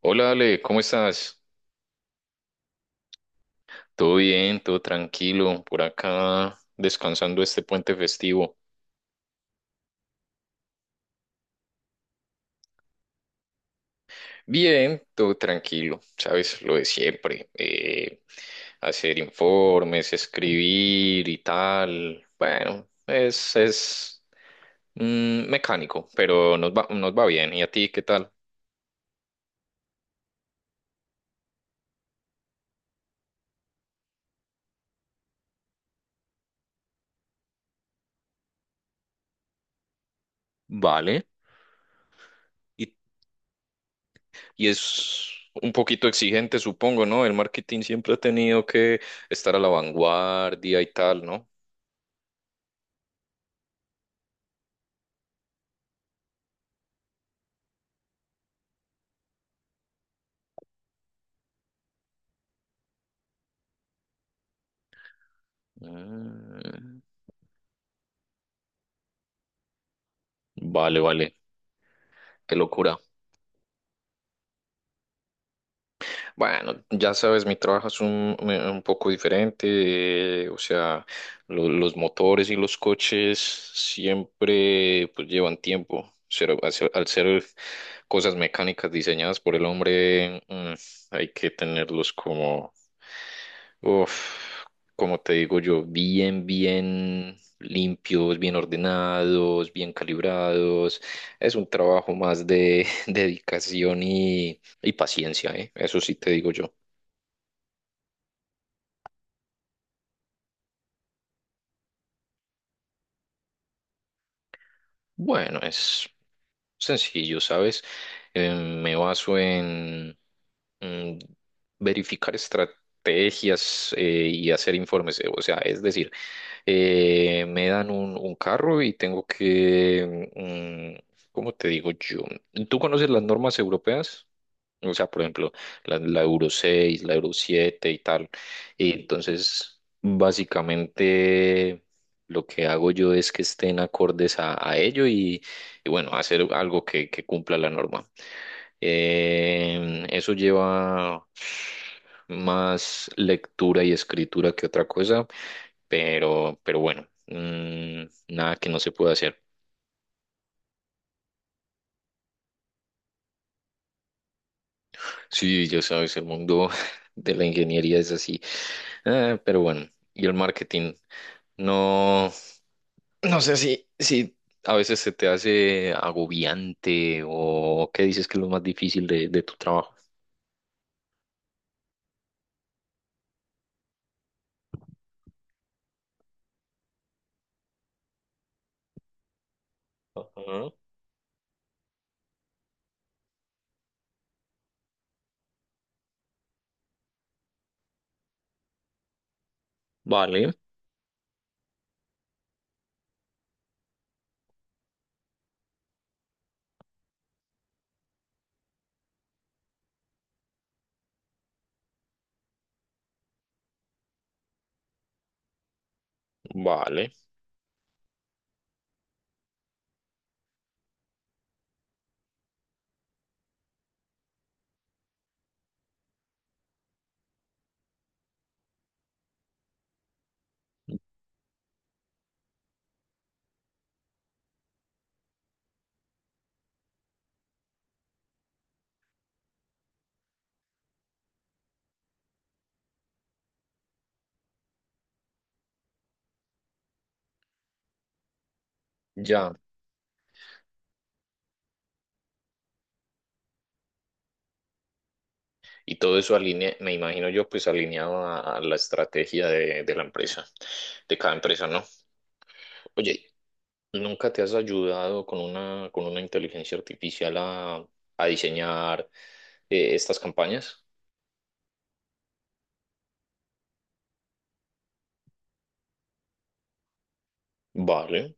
Hola Ale, ¿cómo estás? Todo bien, todo tranquilo, por acá descansando este puente festivo. Bien, todo tranquilo, sabes, lo de siempre, hacer informes, escribir y tal. Bueno, es mecánico, pero nos va bien. ¿Y a ti qué tal? Vale. Y, y es un poquito exigente, supongo, ¿no? El marketing siempre ha tenido que estar a la vanguardia y tal, ¿no? Mm. Vale, vale, qué locura. Bueno, ya sabes, mi trabajo es un poco diferente, o sea, los motores y los coches siempre pues llevan tiempo. Ser- al ser al ser cosas mecánicas diseñadas por el hombre, hay que tenerlos como, uf, como te digo yo, bien, bien limpios, bien ordenados, bien calibrados. Es un trabajo más de dedicación y paciencia, ¿eh? Eso sí te digo yo. Bueno, es sencillo, ¿sabes? Me baso en mm, verificar estrategias y hacer informes. O sea, es decir, me dan un carro y tengo que, ¿cómo te digo yo? ¿Tú conoces las normas europeas? O sea, por ejemplo, la Euro 6, la Euro 7 y tal. Y entonces, básicamente, lo que hago yo es que estén acordes a ello y bueno, hacer algo que cumpla la norma. Eso lleva más lectura y escritura que otra cosa, pero, pero bueno, nada que no se pueda hacer. Sí, ya sabes, el mundo de la ingeniería es así. Ah, pero bueno, y el marketing, no, no sé si a veces se te hace agobiante o qué dices que es lo más difícil de tu trabajo. Ajá. Vale, vale, ya. Y todo eso alinea, me imagino yo, pues alineado a la estrategia de la empresa, de cada empresa, ¿no? Oye, ¿nunca te has ayudado con una inteligencia artificial a diseñar estas campañas? Vale.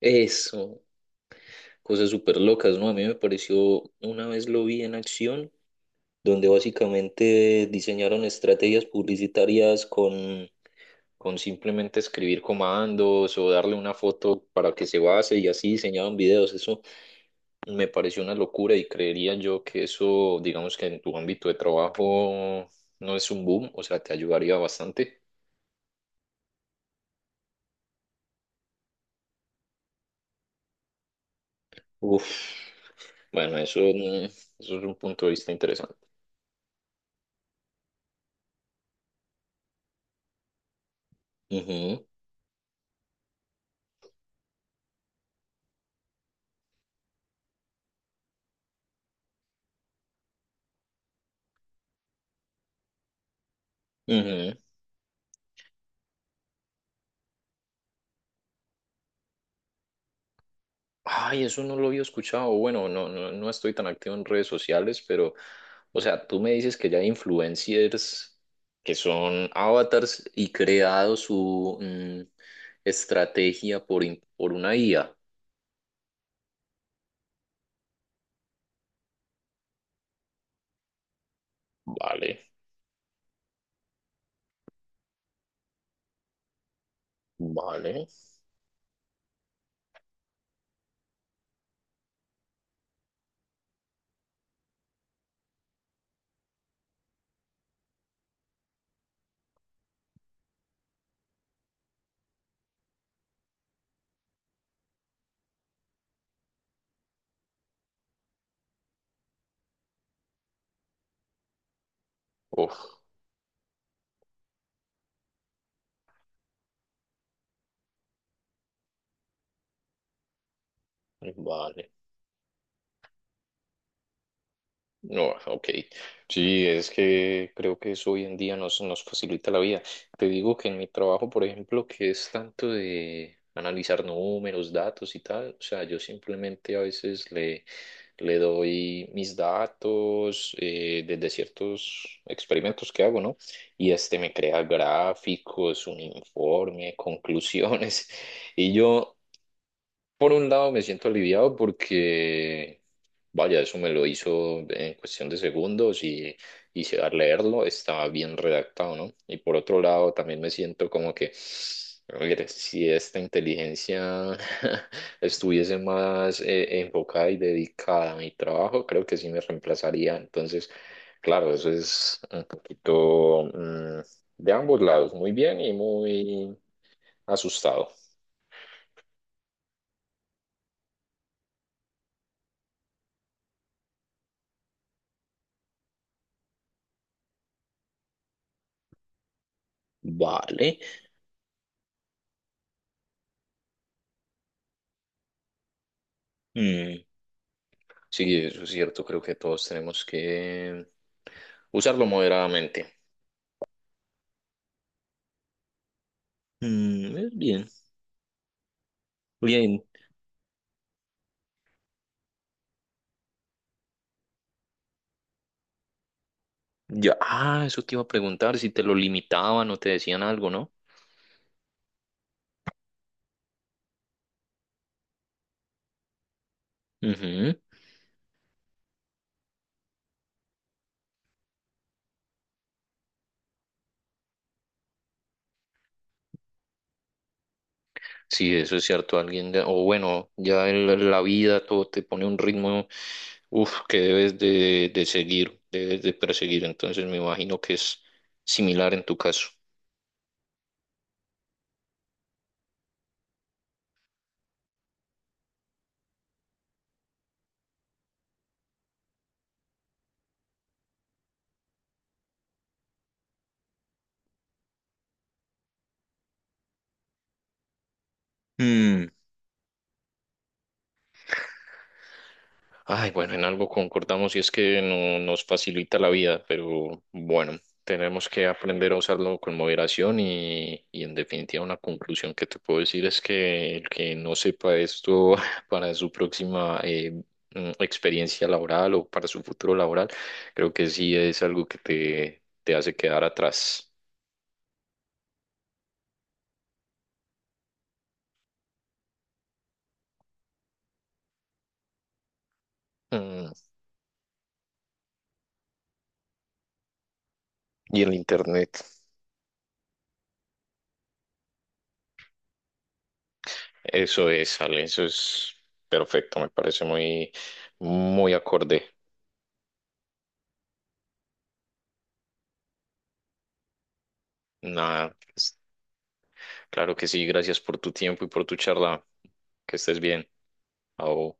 Eso, cosas súper locas, ¿no? A mí me pareció, una vez lo vi en acción donde básicamente diseñaron estrategias publicitarias con simplemente escribir comandos o darle una foto para que se base y así diseñaban videos. Eso me pareció una locura y creería yo que eso, digamos que en tu ámbito de trabajo no es un boom, o sea, te ayudaría bastante. Uf, bueno, eso, eso es un punto de vista interesante. Ujú, ujú. Ay, eso no lo había escuchado. Bueno, no, no, no estoy tan activo en redes sociales, pero, o sea, tú me dices que ya hay influencers que son avatars y creado su estrategia por, por una IA. Vale, vale. Uf, vale. No, ok. Sí, es que creo que eso hoy en día nos, nos facilita la vida. Te digo que en mi trabajo, por ejemplo, que es tanto de analizar números, datos y tal, o sea, yo simplemente a veces le, le doy mis datos desde ciertos experimentos que hago, ¿no? Y este me crea gráficos, un informe, conclusiones. Y yo por un lado me siento aliviado porque, vaya, eso me lo hizo en cuestión de segundos y, al leerlo estaba bien redactado, ¿no? Y por otro lado también me siento como que, a ver, si esta inteligencia estuviese más enfocada y dedicada a mi trabajo, creo que sí me reemplazaría. Entonces, claro, eso es un poquito de ambos lados, muy bien y muy asustado. Vale. Sí, eso es cierto, creo que todos tenemos que usarlo moderadamente. Mm, es bien, bien. Ya, ah, eso te iba a preguntar si te lo limitaban o te decían algo, ¿no? Ujú. Sí, eso es cierto, alguien, o bueno, ya en la vida todo te pone un ritmo, uf, que debes de seguir, debes de perseguir, entonces me imagino que es similar en tu caso. Ay, bueno, en algo concordamos y es que no nos facilita la vida, pero bueno, tenemos que aprender a usarlo con moderación y en definitiva una conclusión que te puedo decir es que el que no sepa esto para su próxima experiencia laboral o para su futuro laboral, creo que sí es algo que te hace quedar atrás. Mm, y el internet, eso es, Ale, eso es perfecto, me parece muy, muy acorde. Nada. Claro que sí, gracias por tu tiempo y por tu charla. Que estés bien. Au.